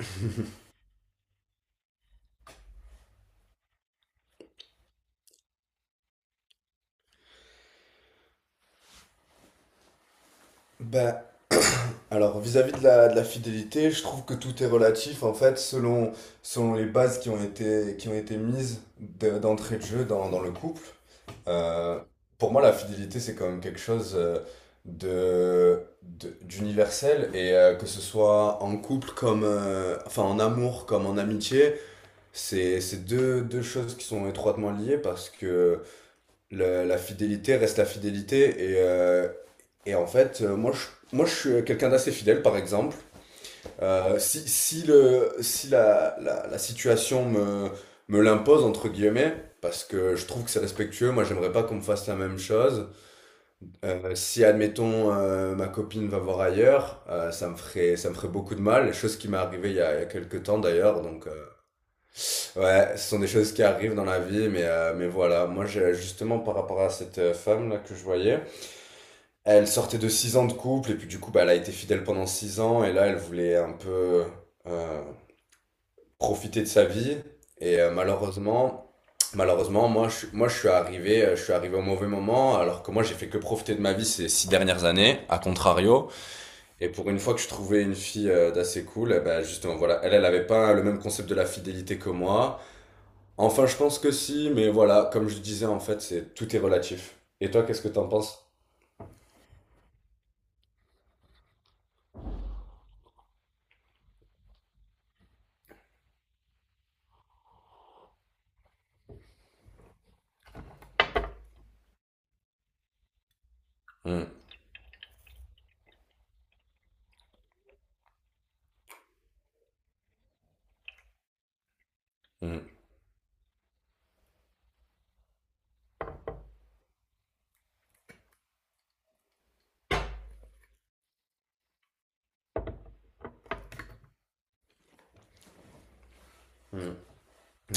Ben, alors vis-à-vis de la fidélité, je trouve que tout est relatif en fait selon, selon les bases qui ont été d'entrée de jeu dans le couple. Euh, pour moi, la fidélité, c'est quand même quelque chose de, d'universel et que ce soit en couple comme, enfin en amour comme en amitié, c'est deux choses qui sont étroitement liées parce que la fidélité reste la fidélité et, euh, Et en fait, moi, je suis quelqu'un d'assez fidèle, par exemple. Si la situation me l'impose, entre guillemets, parce que je trouve que c'est respectueux, moi, j'aimerais pas qu'on me fasse la même chose. Si, admettons, ma copine va voir ailleurs, ça me ferait beaucoup de mal. Chose qui m'est arrivée il y a quelques temps, d'ailleurs. Donc, ouais, ce sont des choses qui arrivent dans la vie, mais voilà. Justement, par rapport à cette femme-là que je voyais, elle sortait de 6 ans de couple et puis du coup, bah, elle a été fidèle pendant 6 ans et là, elle voulait un peu euh, profiter de sa vie. Et malheureusement, malheureusement, moi, je suis arrivé au mauvais moment alors que moi, j'ai fait que profiter de ma vie ces 6 dernières années, à contrario. Et pour une fois que je trouvais une fille d'assez cool, eh ben, justement, voilà, elle avait pas le même concept de la fidélité que moi. Enfin, je pense que si, mais voilà, comme je disais, en fait, c'est tout est relatif. Et toi, qu'est-ce que t'en penses? Hmm, hmm.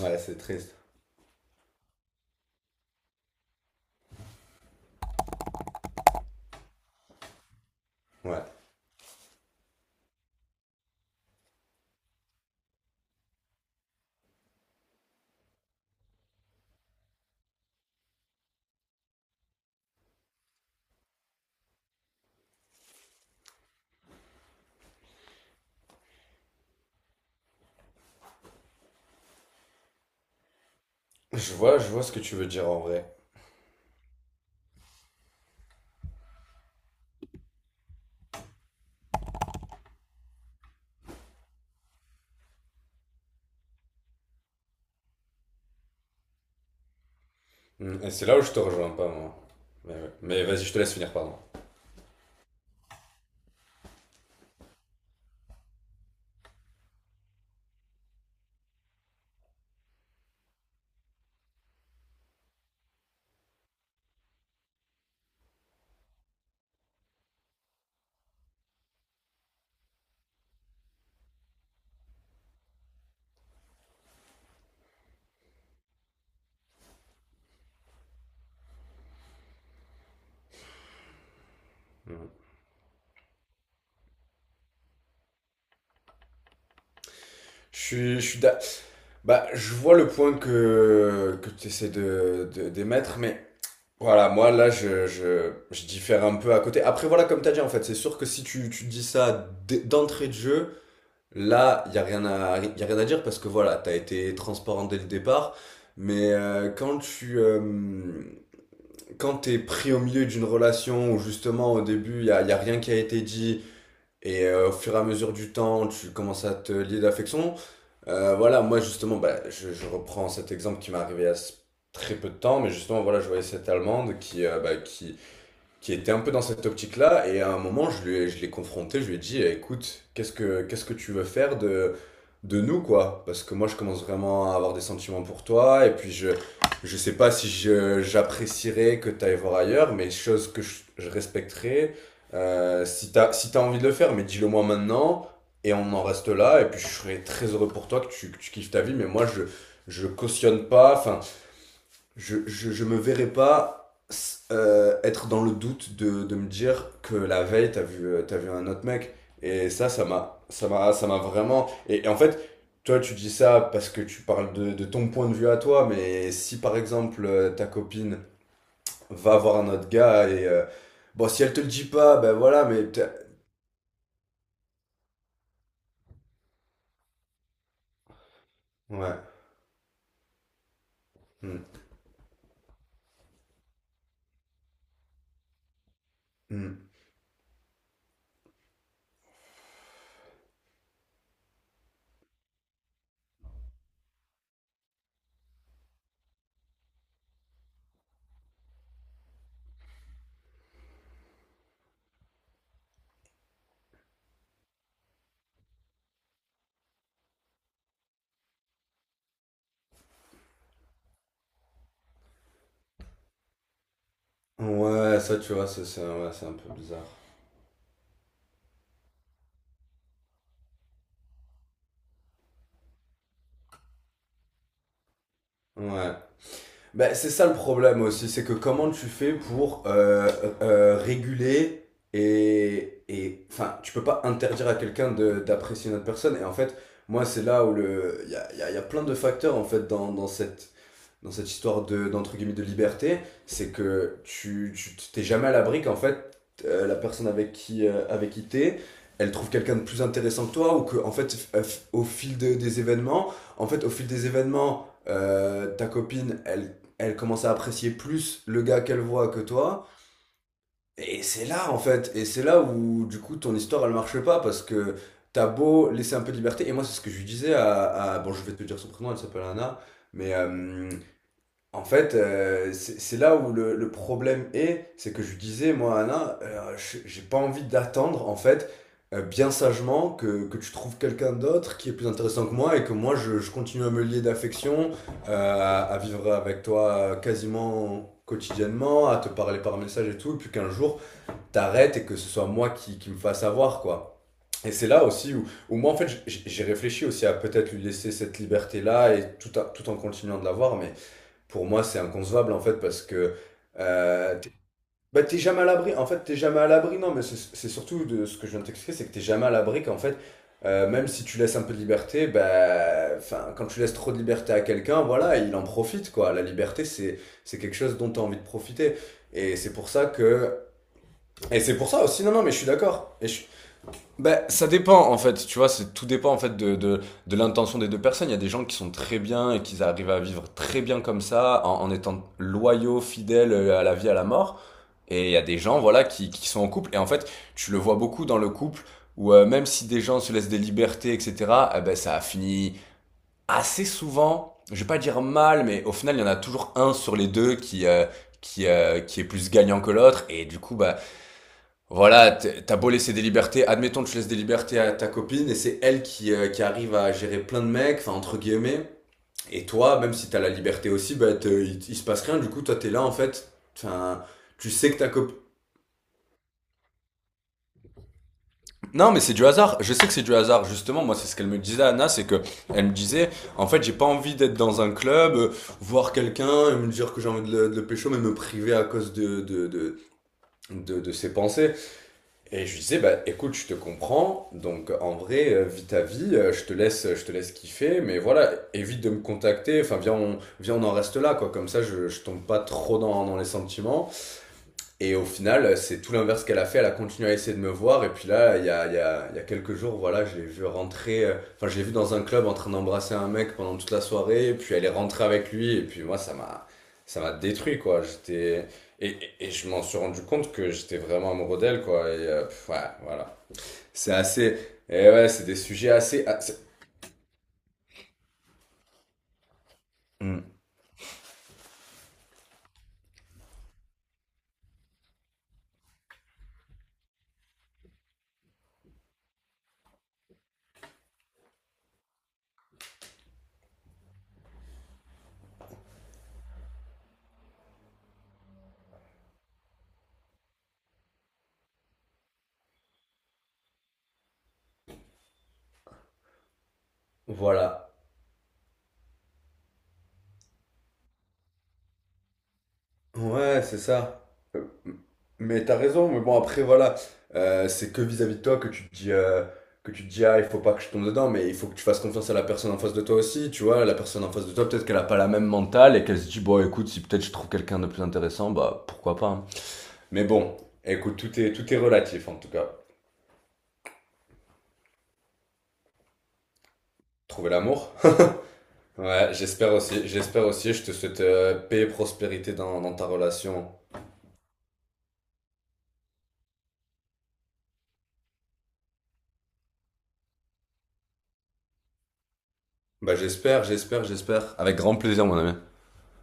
Ouais, c'est triste. Ouais. Je vois ce que tu veux dire en vrai. Mm, et c'est là où je te rejoins pas, moi. Mais, ouais. Mais vas-y, je te laisse finir, pardon. Je suis, je suis d'a- Bah, je vois le point que tu essaies de, d'émettre, mais voilà, moi là, je diffère un peu à côté. Après, voilà, comme tu as dit, en fait, c'est sûr que si tu, tu dis ça d'entrée de jeu, là, il n'y a rien à, y a rien à dire parce que voilà, tu as été transparent dès le départ. Mais quand tu, quand t'es pris au milieu d'une relation où justement au début y a rien qui a été dit et au fur et à mesure du temps tu commences à te lier d'affection, voilà moi justement bah, je reprends cet exemple qui m'est arrivé il y a s- très peu de temps mais justement voilà je voyais cette Allemande qui, bah, qui était un peu dans cette optique-là. Et à un moment, je l'ai confronté, je lui ai dit: «Eh, écoute, qu'est-ce que tu veux faire de nous, quoi? Parce que moi, je commence vraiment à avoir des sentiments pour toi. Et puis, je sais pas si j'apprécierais que tu ailles voir ailleurs, mais chose que je respecterais. Si t'as envie de le faire, mais dis-le moi maintenant. Et on en reste là. Et puis, je serais très heureux pour toi que tu kiffes ta vie. Mais moi, je cautionne pas. Enfin, je me verrais pas être dans le doute de me dire que la veille, t'as vu un autre mec.» Et ça, ça m'a vraiment. Et en fait, toi, tu dis ça parce que tu parles de ton point de vue à toi, mais si par exemple ta copine va voir un autre gars et bon, si elle te le dit pas, ben voilà, mais peut-être... Ouais. Hmm. Hmm. Ouais, ça, tu vois, ça, c'est ouais, c'est un peu bizarre. Ouais. Bah, c'est ça le problème aussi, c'est que comment tu fais pour réguler et enfin, tu peux pas interdire à quelqu'un d'apprécier une autre personne. Et en fait, moi, c'est là où le, il y a plein de facteurs en fait dans, dans cette histoire de d'entre guillemets de liberté, c'est que tu t'es jamais à l'abri qu'en fait la personne avec qui t'es elle trouve quelqu'un de plus intéressant que toi ou que en fait au fil des événements en fait au fil des événements ta copine elle elle commence à apprécier plus le gars qu'elle voit que toi et c'est là en fait et c'est là où du coup ton histoire elle marche pas parce que t'as beau laisser un peu de liberté et moi c'est ce que je lui disais à- bon je vais te dire son prénom, elle s'appelle Anna mais en fait, c'est là où le problème est, c'est que je lui disais: «Moi, Anna, je j'ai pas envie d'attendre, en fait, bien sagement que tu trouves quelqu'un d'autre qui est plus intéressant que moi et que moi, je continue à me lier d'affection, à vivre avec toi, quasiment quotidiennement, à te parler par message et tout, et puis qu'un jour, t'arrêtes et que ce soit moi qui me fasse avoir, quoi». Et c'est là aussi où où moi, en fait, j'ai réfléchi aussi à peut-être lui laisser cette liberté-là et tout a tout en continuant de l'avoir, mais pour moi, c'est inconcevable en fait parce que t'es bah, t'es jamais à l'abri. En fait, t'es jamais à l'abri. Non, mais c'est surtout de ce que je viens de t'expliquer, c'est que t'es jamais à l'abri qu'en fait, même si tu laisses un peu de liberté, bah, enfin, quand tu laisses trop de liberté à quelqu'un, voilà, il en profite quoi. La liberté, c'est quelque chose dont t'as envie de profiter. Et c'est pour ça que et c'est pour ça aussi. Non, non, mais je suis d'accord. Et je ben, ça dépend en fait, tu vois, c'est tout dépend en fait de l'intention des deux personnes. Il y a des gens qui sont très bien et qui arrivent à vivre très bien comme ça, en, en étant loyaux, fidèles à la vie, à la mort. Et il y a des gens, voilà, qui sont en couple. Et en fait, tu le vois beaucoup dans le couple où même si des gens se laissent des libertés, etc., eh ben, ça a fini assez souvent, je vais pas dire mal, mais au final, il y en a toujours un sur les deux qui, qui est plus gagnant que l'autre. Et du coup, bah, voilà, t'as beau laisser des libertés, admettons que tu laisses des libertés à ta copine et c'est elle qui arrive à gérer plein de mecs, enfin entre guillemets, et toi, même si t'as la liberté aussi, il se passe rien, du coup toi t'es là en fait, enfin tu sais que ta copine... Non mais c'est du hasard, je sais que c'est du hasard, justement, moi c'est ce qu'elle me disait Anna, c'est que elle me disait, en fait j'ai pas envie d'être dans un club, voir quelqu'un et me dire que j'ai envie de le pécho, mais me priver à cause de ses pensées. Et je lui disais, bah écoute, je te comprends, donc en vrai, vis ta vie, je te laisse kiffer, mais voilà, évite de me contacter, enfin viens on en reste là, quoi, comme ça je tombe pas trop dans, dans les sentiments, et au final, c'est tout l'inverse qu'elle a fait. Elle a continué à essayer de me voir. Et puis là, il y a quelques jours, voilà, je l'ai vu rentrer. Enfin, je l'ai vu dans un club en train d'embrasser un mec pendant toute la soirée. Et puis elle est rentrée avec lui. Et puis moi, ça m'a détruit, quoi. J'étais. Et, et je m'en suis rendu compte que j'étais vraiment amoureux d'elle, quoi. Et pff, ouais, voilà. C'est assez. Et ouais, c'est des sujets assez, assez... Mm. Voilà. Ouais, c'est ça. Euh, Mais t'as raison, mais bon, après, voilà, c'est que vis-à-vis de toi que tu te dis, ah, il faut pas que je tombe dedans, mais il faut que tu fasses confiance à la personne en face de toi aussi, tu vois. La personne en face de toi, peut-être qu'elle a pas la même mentale et qu'elle se dit, bon, écoute, si peut-être je trouve quelqu'un de plus intéressant, bah, pourquoi pas, hein. Mais bon, écoute, tout est relatif, en tout cas. Trouver l'amour. Ouais, j'espère aussi, je te souhaite paix et prospérité dans, dans ta relation. Bah, j'espère, j'espère, j'espère. Avec grand plaisir, mon ami.